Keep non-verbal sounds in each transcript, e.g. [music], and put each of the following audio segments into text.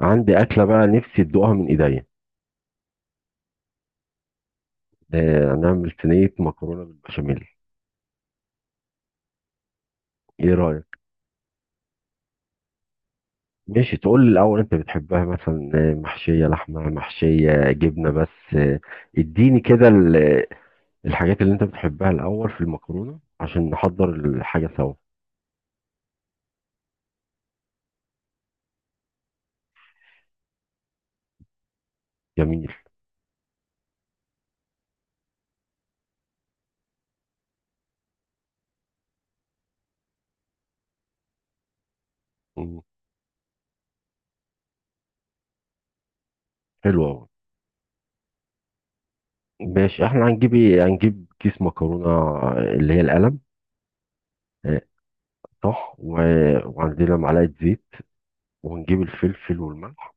عندي أكلة بقى نفسي تدوقها من إيديا. آه، هنعمل صينية مكرونة بالبشاميل. إيه رأيك؟ ماشي، تقول لي الأول أنت بتحبها مثلا، محشية لحمة محشية جبنة بس، اديني كده الحاجات اللي أنت بتحبها الأول في المكرونة عشان نحضر الحاجة سوا. جميل. مم. حلو أوي. ماشي، احنا هنجيب ايه، هنجيب كيس مكرونة اللي هي القلم. آه، صح. وعندنا معلقة زيت، وهنجيب الفلفل والملح.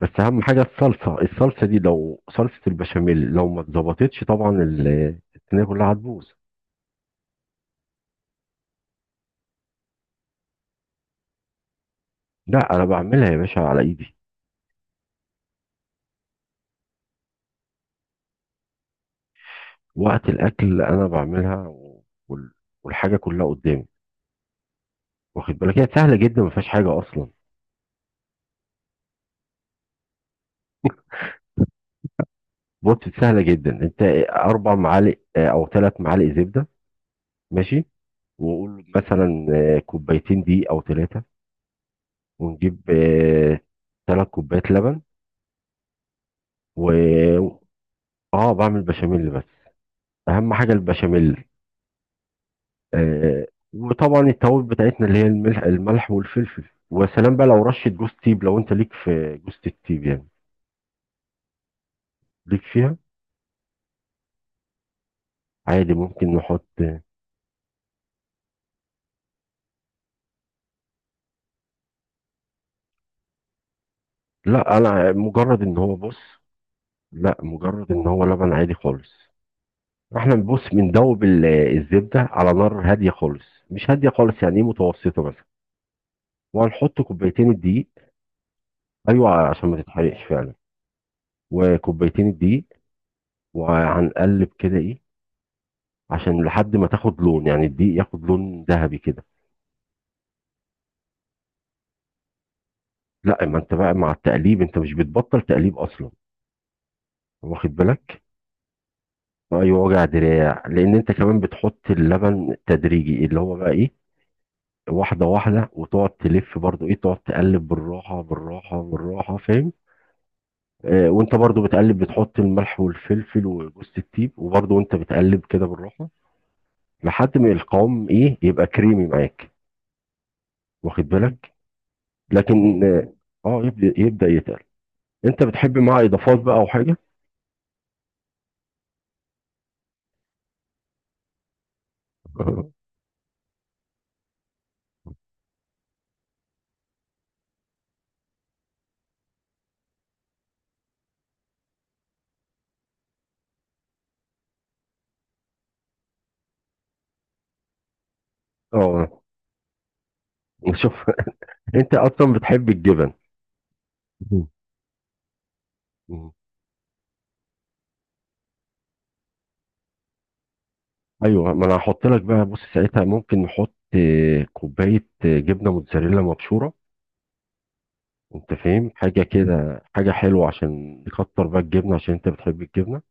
بس اهم حاجه الصلصه دي، لو صلصه البشاميل لو ما اتظبطتش طبعا الصينيه كلها هتبوظ. لا، انا بعملها يا باشا على ايدي. وقت الاكل انا بعملها، والحاجه كلها قدامي. واخد بالك، هي سهله جدا ما فيهاش حاجه اصلا. بص، سهله جدا انت. اربع معالق او ثلاث معالق زبده. ماشي. وقول مثلا، كوبايتين دي او ثلاثه، ونجيب ثلاث كوبايات لبن. و اه، بعمل بشاميل بس. اهم حاجه البشاميل. آه، وطبعا التوابل بتاعتنا اللي هي الملح والفلفل. وسلام بقى، لو رشه جوز تيب، لو انت ليك في جوز التيب يعني. ليك فيها. عادي، ممكن نحط. لا، انا مجرد ان هو، بص. لا، مجرد ان هو لبن عادي خالص. احنا بنبص بندوب الزبده على نار هاديه خالص. مش هاديه خالص يعني ايه، متوسطه مثلا. وهنحط كوبايتين الدقيق. ايوه، عشان ما تتحرقش فعلا. وكوبايتين الدقيق، وهنقلب كده ايه، عشان لحد ما تاخد لون يعني الدقيق ياخد لون ذهبي كده. لا، ما انت بقى مع التقليب، انت مش بتبطل تقليب اصلا. واخد بالك. ايوه، وجع دراع، لان انت كمان بتحط اللبن تدريجي اللي هو بقى ايه، واحده واحده، وتقعد تلف برضو ايه، تقعد تقلب بالراحه بالراحه بالراحه، فاهم. وانت برضو بتقلب بتحط الملح والفلفل وجوز الطيب، وبرضو وانت بتقلب كده بالراحه، لحد ما القوام ايه يبقى كريمي معاك. واخد بالك. لكن. مم. اه، يبدا يتقل. انت بتحب معاه اضافات بقى او حاجه؟ [laughs] اه، شوف. أنت أصلا بتحب الجبن. مم. مم. أيوه، ما أنا هحط لك بقى، بص ساعتها ممكن نحط كوباية جبنة موتزاريلا مبشورة. أنت فاهم، حاجة كده، حاجة حلوة عشان نكتر بقى الجبنة عشان أنت بتحب الجبنة.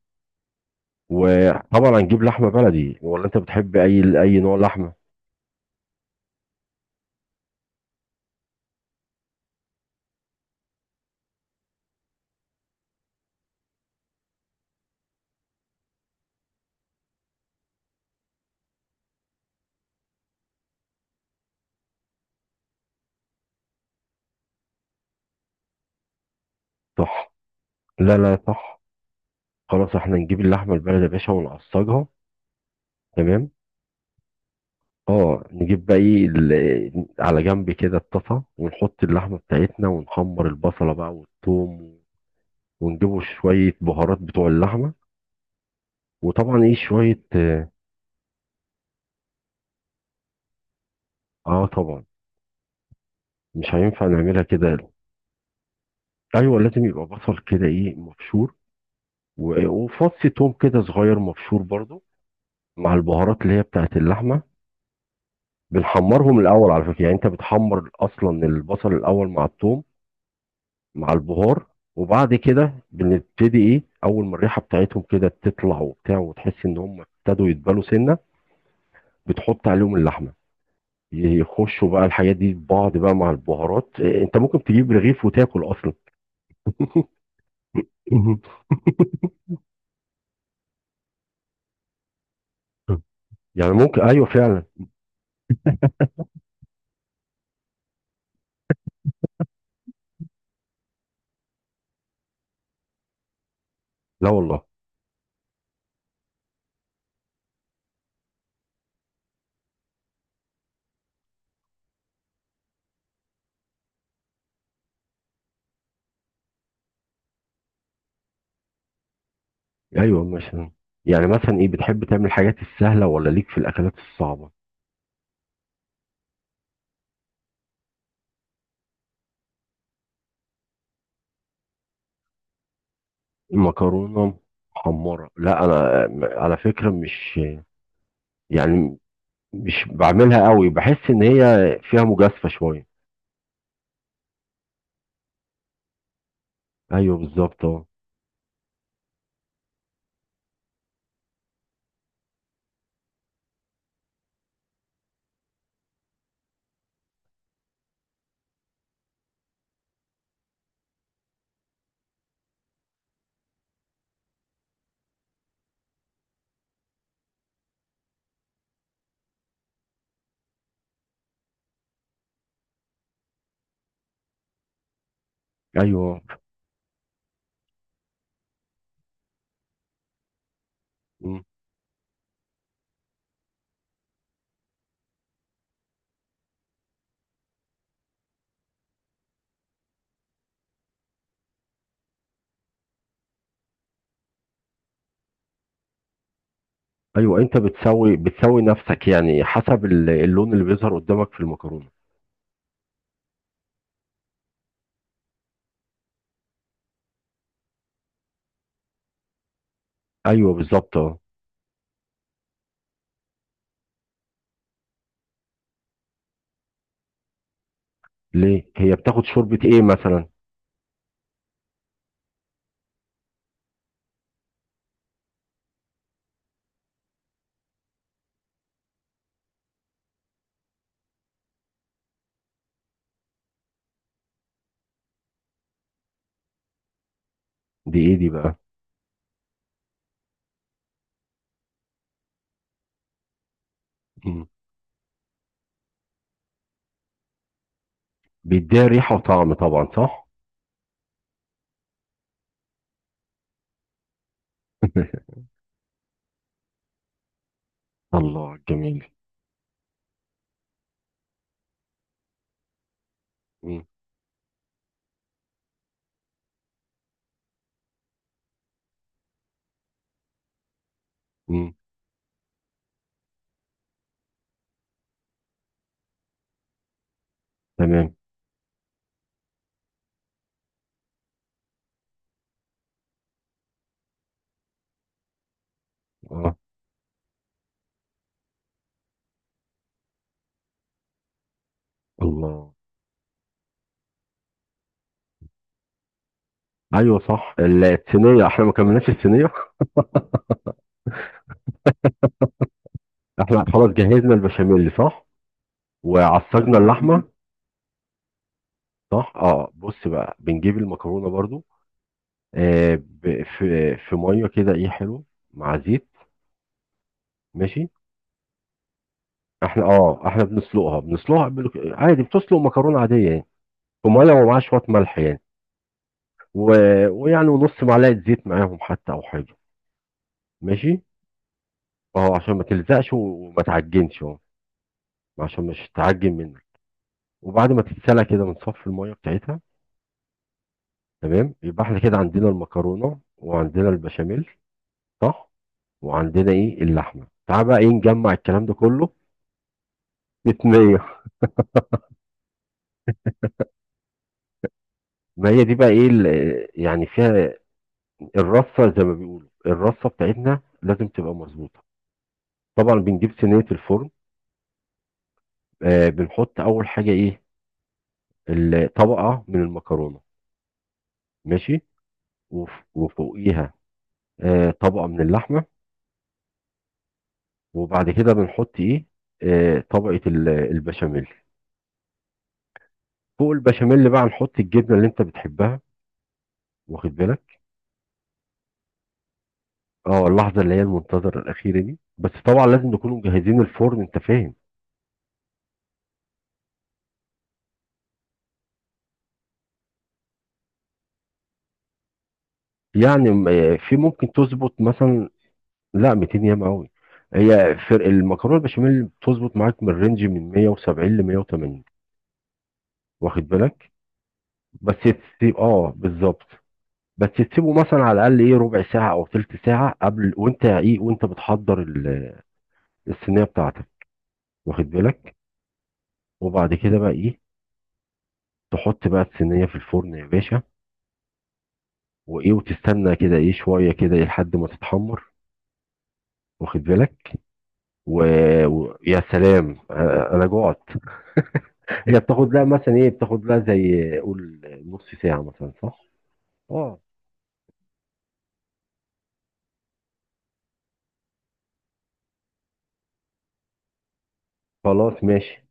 وطبعا هنجيب لحمة بلدي، ولا أنت بتحب أي نوع لحمة؟ صح. لا، لا، صح. خلاص، احنا نجيب اللحمة البلدي يا باشا ونعصجها. تمام. اه، نجيب بقى ايه، على جنب كده الطاسة، ونحط اللحمة بتاعتنا ونحمر البصلة بقى والثوم، ونجيبوا شوية بهارات بتوع اللحمة. وطبعا ايه شوية، اه. طبعا، مش هينفع نعملها كده. ايوه، لازم يبقى بصل كده ايه مبشور، وفص توم كده صغير مبشور برضو، مع البهارات اللي هي بتاعت اللحمة. بنحمرهم الاول على فكرة، يعني انت بتحمر اصلا البصل الاول مع التوم مع البهار. وبعد كده بنبتدي ايه، اول ما الريحة بتاعتهم كده تطلع وبتاع، وتحس ان هم ابتدوا يتبالوا سنة، بتحط عليهم اللحمة. يخشوا بقى الحاجات دي في بعض بقى مع البهارات، إيه، انت ممكن تجيب رغيف وتاكل اصلا. [laughs] يعني ممكن، ايوه، فعلا. لا والله. ايوه، مثلا، يعني مثلا ايه، بتحب تعمل الحاجات السهله ولا ليك في الاكلات الصعبه؟ مكرونه محمره، لا انا على فكره مش، يعني مش بعملها قوي، بحس ان هي فيها مجازفه شويه. ايوه بالظبط، اه. ايوه. مم. ايوه، انت بتسوي بتسوي نفسك يعني حسب اللون اللي بيظهر قدامك في المكرونه. ايوه بالظبط، اه. ليه، هي بتاخد شوربة ايه مثلا؟ دي ايه دي بقى؟ مم. بيديها ريحة وطعم طبعا، صح. [laughs] الله، جميل. مم. مم. تمام. اه. الله. ايوه، صح، الصينية احنا ما كملناش الصينية. [laughs] احنا خلاص جهزنا البشاميل، صح، وعصجنا اللحمة. صح، اه، بص بقى بنجيب المكرونة برضو. في مية كده ايه، حلو، مع زيت. ماشي. احنا بنسلقها بنسلقها عادي، بتسلق مكرونة عادية يعني، وميه ومعاه شويه ملح يعني، و... ويعني ونص معلقه زيت معاهم حتى او حاجه. ماشي. اهو، عشان ما تلزقش وما تعجنش، اهو، عشان مش تعجن منك. وبعد ما تتسلق كده بنصفي الميه بتاعتها. تمام، يبقى احنا كده عندنا المكرونه وعندنا البشاميل، صح، وعندنا ايه اللحمه. تعال بقى ايه نجمع الكلام ده كله. بتنية. ما هي دي بقى ايه يعني فيها الرصه زي ما بيقولوا، الرصه بتاعتنا لازم تبقى مظبوطه. طبعا بنجيب صينيه الفرن. بنحط اول حاجه ايه، طبقة من المكرونة. ماشي. وفوقيها طبقة من اللحمة. وبعد كده بنحط ايه، طبقة البشاميل. فوق البشاميل بقى نحط الجبنة اللي انت بتحبها. واخد بالك. اه، اللحظة اللي هي المنتظرة الأخيرة دي، بس طبعا لازم نكونوا مجهزين الفرن، انت فاهم. يعني في ممكن تظبط مثلا. لا، 200 ياما قوي. هي فرق المكرونة البشاميل بتظبط معاك من رينج من 170 ل 180. واخد بالك. بس تسيب، اه، بالظبط. بس تسيبه مثلا على الاقل ايه ربع ساعه او تلت ساعه قبل، وانت ايه وانت بتحضر الصينيه بتاعتك. واخد بالك. وبعد كده بقى ايه، تحط بقى الصينيه في الفرن يا باشا، وايه وتستنى كده ايه شويه كده ايه لحد ما تتحمر. واخد بالك. يا سلام، انا جوعت. هي بتاخد لها مثلا ايه، بتاخد لها زي قول نص ساعه مثلا، صح. اه. خلاص، ماشي.